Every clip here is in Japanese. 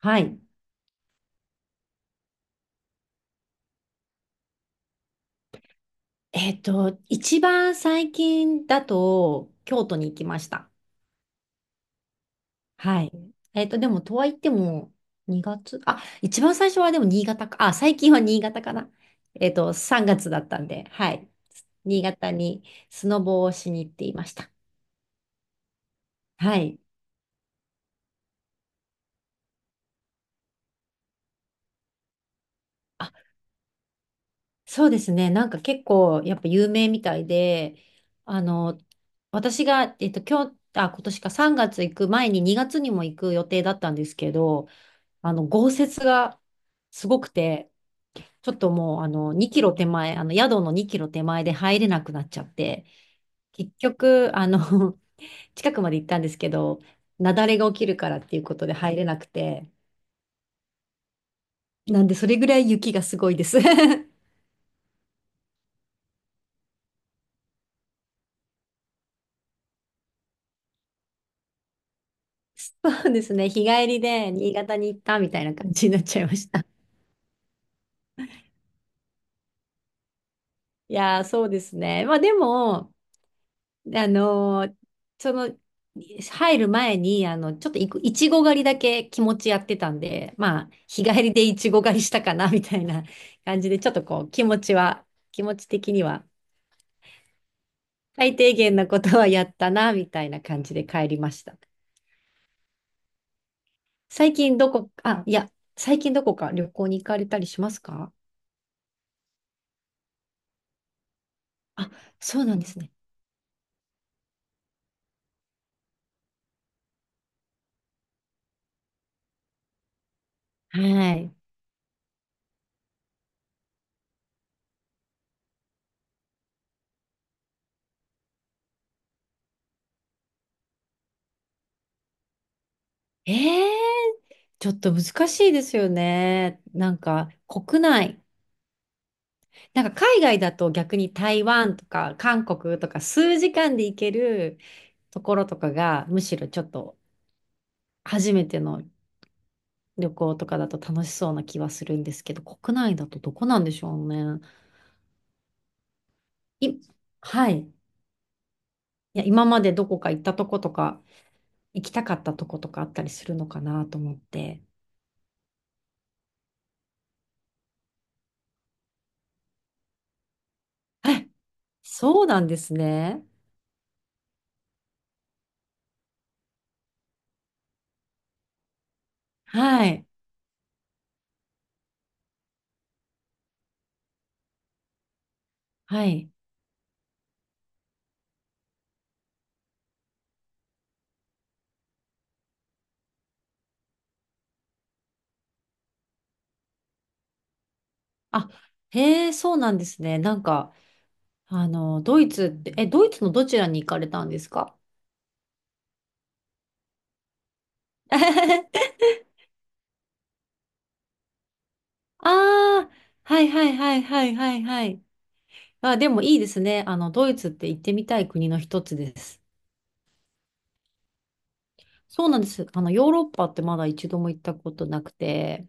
はい。一番最近だと、京都に行きました。はい。えっと、でも、とはいっても、2月、あ、一番最初はでも新潟か、あ、最近は新潟かな。3月だったんで、はい。新潟にスノボをしに行っていました。はい。あ、そうですね。なんか結構、やっぱ有名みたいで、あの、私が、今日、あ、今年か3月行く前に2月にも行く予定だったんですけど、あの、豪雪がすごくて、ちょっともう、あの、2キロ手前、あの、宿の2キロ手前で入れなくなっちゃって、結局、あの、近くまで行ったんですけど、雪崩が起きるからっていうことで入れなくて、なんで、それぐらい雪がすごいです。そうですね、日帰りで新潟に行ったみたいな感じになっちゃいました。いやー、そうですね。まあでも、で、その、入る前に、あの、ちょっといく、いちご狩りだけ気持ちやってたんで、まあ、日帰りでいちご狩りしたかな、みたいな 感じで、ちょっとこう、気持ちは、気持ち的には、最低限なことはやったな、みたいな感じで帰りました。最近どこ、あ、いや、最近どこか旅行に行かれたりしますか？あ、そうなんですね。はい。えー、ちょっと難しいですよね。なんか、国内。なんか海外だと逆に台湾とか韓国とか数時間で行けるところとかがむしろちょっと初めての旅行とかだと楽しそうな気はするんですけど、国内だとどこなんでしょうね。い、はい。いや、今までどこか行ったとことか行きたかったとことかあったりするのかなと思って。え、そうなんですね。はい。はい。あ、へえ、そうなんですね。なんか、あの、ドイツって、え、ドイツのどちらに行かれたんですか？ ああ、はいはいはいはいはいはい。あ、でもいいですね。あの、ドイツって行ってみたい国の一つです。そうなんです。あの、ヨーロッパってまだ一度も行ったことなくて、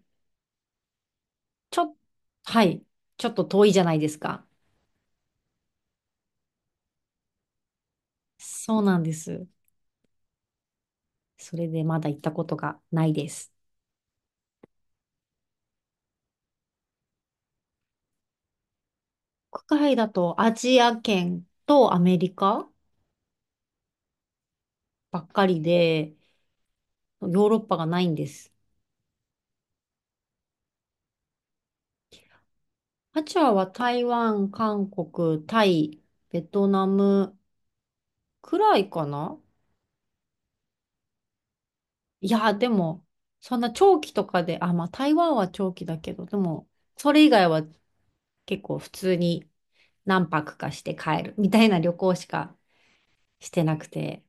ちょ、はい。ちょっと遠いじゃないですか。そうなんです。それでまだ行ったことがないです。国外だとアジア圏とアメリカばっかりで、ヨーロッパがないんです。アジアは台湾、韓国、タイ、ベトナム、くらいかな。いや、でも、そんな長期とかで、あ、まあ台湾は長期だけど、でも、それ以外は結構普通に何泊かして帰るみたいな旅行しかしてなくて、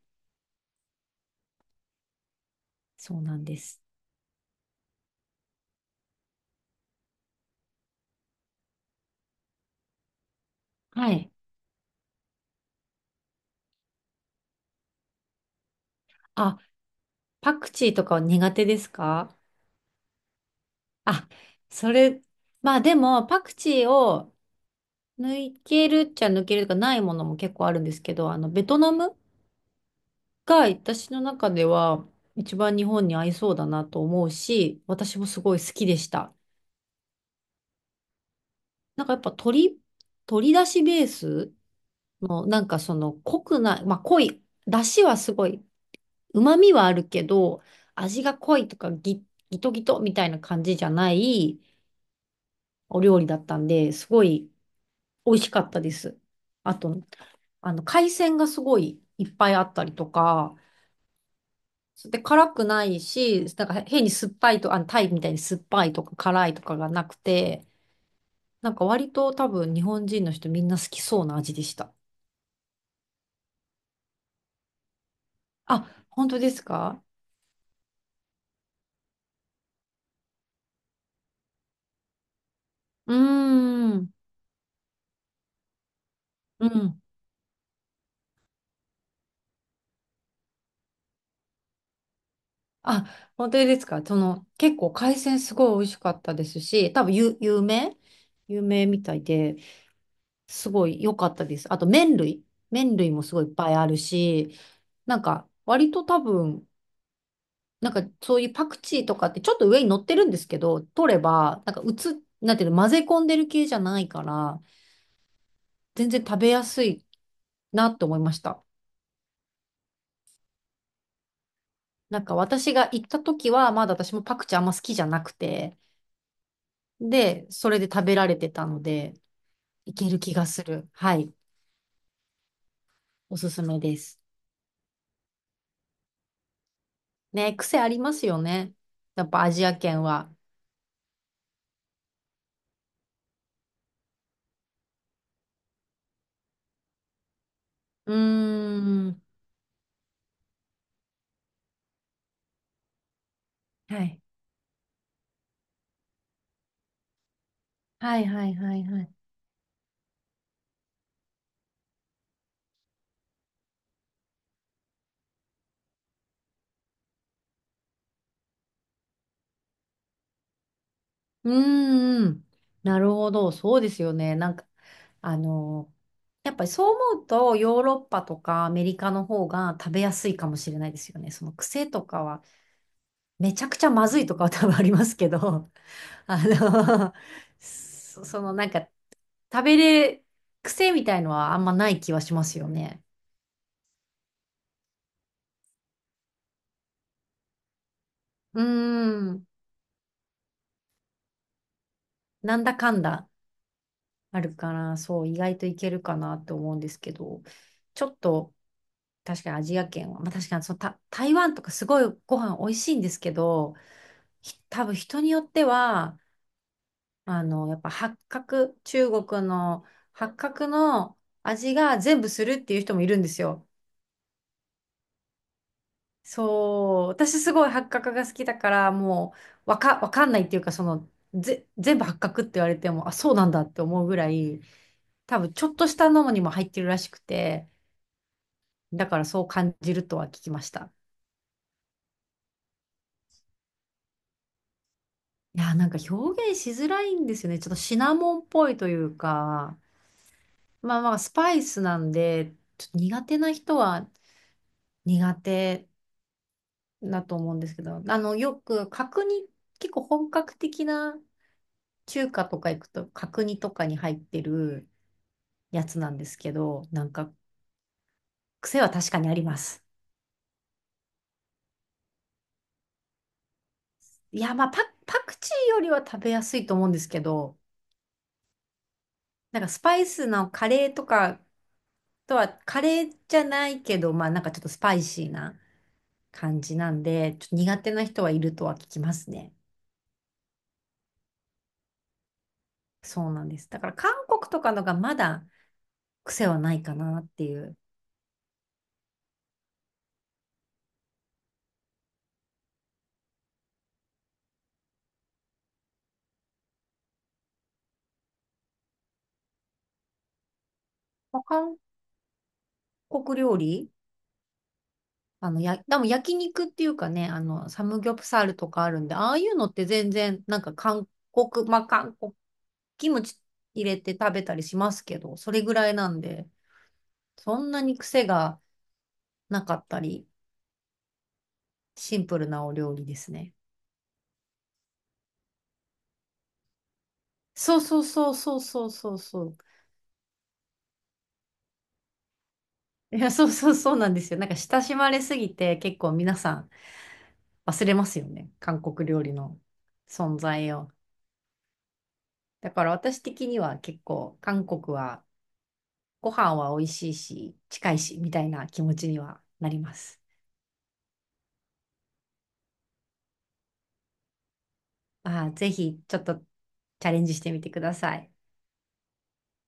そうなんです。はい。あ、パクチーとかは苦手ですか？あ、それ、まあでも、パクチーを抜けるっちゃ抜けるとかないものも結構あるんですけど、あの、ベトナムが私の中では一番日本に合いそうだなと思うし、私もすごい好きでした。なんかやっぱ鶏だしベースのなんかその濃くない、まあ濃い、だしはすごい、旨味はあるけど、味が濃いとかギトギトみたいな感じじゃないお料理だったんで、すごい美味しかったです。あと、あの海鮮がすごいいっぱいあったりとか、で、辛くないし、なんか変に酸っぱいと、あの、タイみたいに酸っぱいとか辛いとかがなくて、なんか割と多分日本人の人みんな好きそうな味でした。あ、本当ですか？うーん、うん。あ、本当ですか？その、結構海鮮すごい美味しかったですし、多分有名有名みたいで、すごい良かったです。あと麺類。麺類もすごいいっぱいあるし、なんか割と多分なんかそういうパクチーとかってちょっと上に乗ってるんですけど、取れば、なんかうつ、なんていうの、混ぜ込んでる系じゃないから、全然食べやすいなって思いました。なんか私が行った時は、まだ私もパクチーあんま好きじゃなくて、で、それで食べられてたので、いける気がする。はい。おすすめです。ね、癖ありますよね。やっぱアジア圏は。うーん。はい。はいはいはいはい。うーん。なるほど。そうですよね。なんか、あのやっぱりそう思うと、ヨーロッパとかアメリカの方が食べやすいかもしれないですよね。その癖とかは、めちゃくちゃまずいとかは多分ありますけど、あの、そそのなんか、食べれ、癖みたいのはあんまない気はしますよね。うーん、なんだかんだあるから、そう、意外といけるかなと思うんですけど、ちょっと、確かにアジア圏は、まあ、確かにそのた台湾とかすごいご飯美味しいんですけど、ひ多分人によっては、あの、やっぱ八角、中国の八角の味が全部するっていう人もいるんですよ。そう、私すごい八角が好きだから、もうわかんないっていうか、その、ぜ、全部八角って言われても、あ、そうなんだって思うぐらい、多分ちょっとしたのにも入ってるらしくて、だからそう感じるとは聞きました。いやー、なんか表現しづらいんですよね。ちょっとシナモンっぽいというか、まあまあスパイスなんで、ちょっと苦手な人は苦手。だと思うんですけど、あの、よく角煮、結構本格的な中華とか行くと角煮とかに入ってるやつなんですけど、なんか癖は確かにあります。いや、パクチーよりは食べやすいと思うんですけど、なんかスパイスのカレーとかとは、カレーじゃないけど、まあなんかちょっとスパイシーな感じなんで、ちょっと苦手な人はいるとは聞きますね。そうなんです。だから韓国とかのがまだ癖はないかなっていう。まあ韓国料理、あの、や、でも焼肉っていうかね、あの、サムギョプサルとかあるんで、ああいうのって全然、なんか韓国、まあ、韓国、キムチ入れて食べたりしますけど、それぐらいなんで、そんなに癖がなかったり、シンプルなお料理ですね。そうそうそうそうそうそうそう。いや、そうそうそうなんですよ。なんか親しまれすぎて、結構皆さん忘れますよね。韓国料理の存在を。だから私的には結構、韓国は、ご飯は美味しいし、近いし、みたいな気持ちにはなります。まあー、ぜひ、ちょっとチャレンジしてみてください。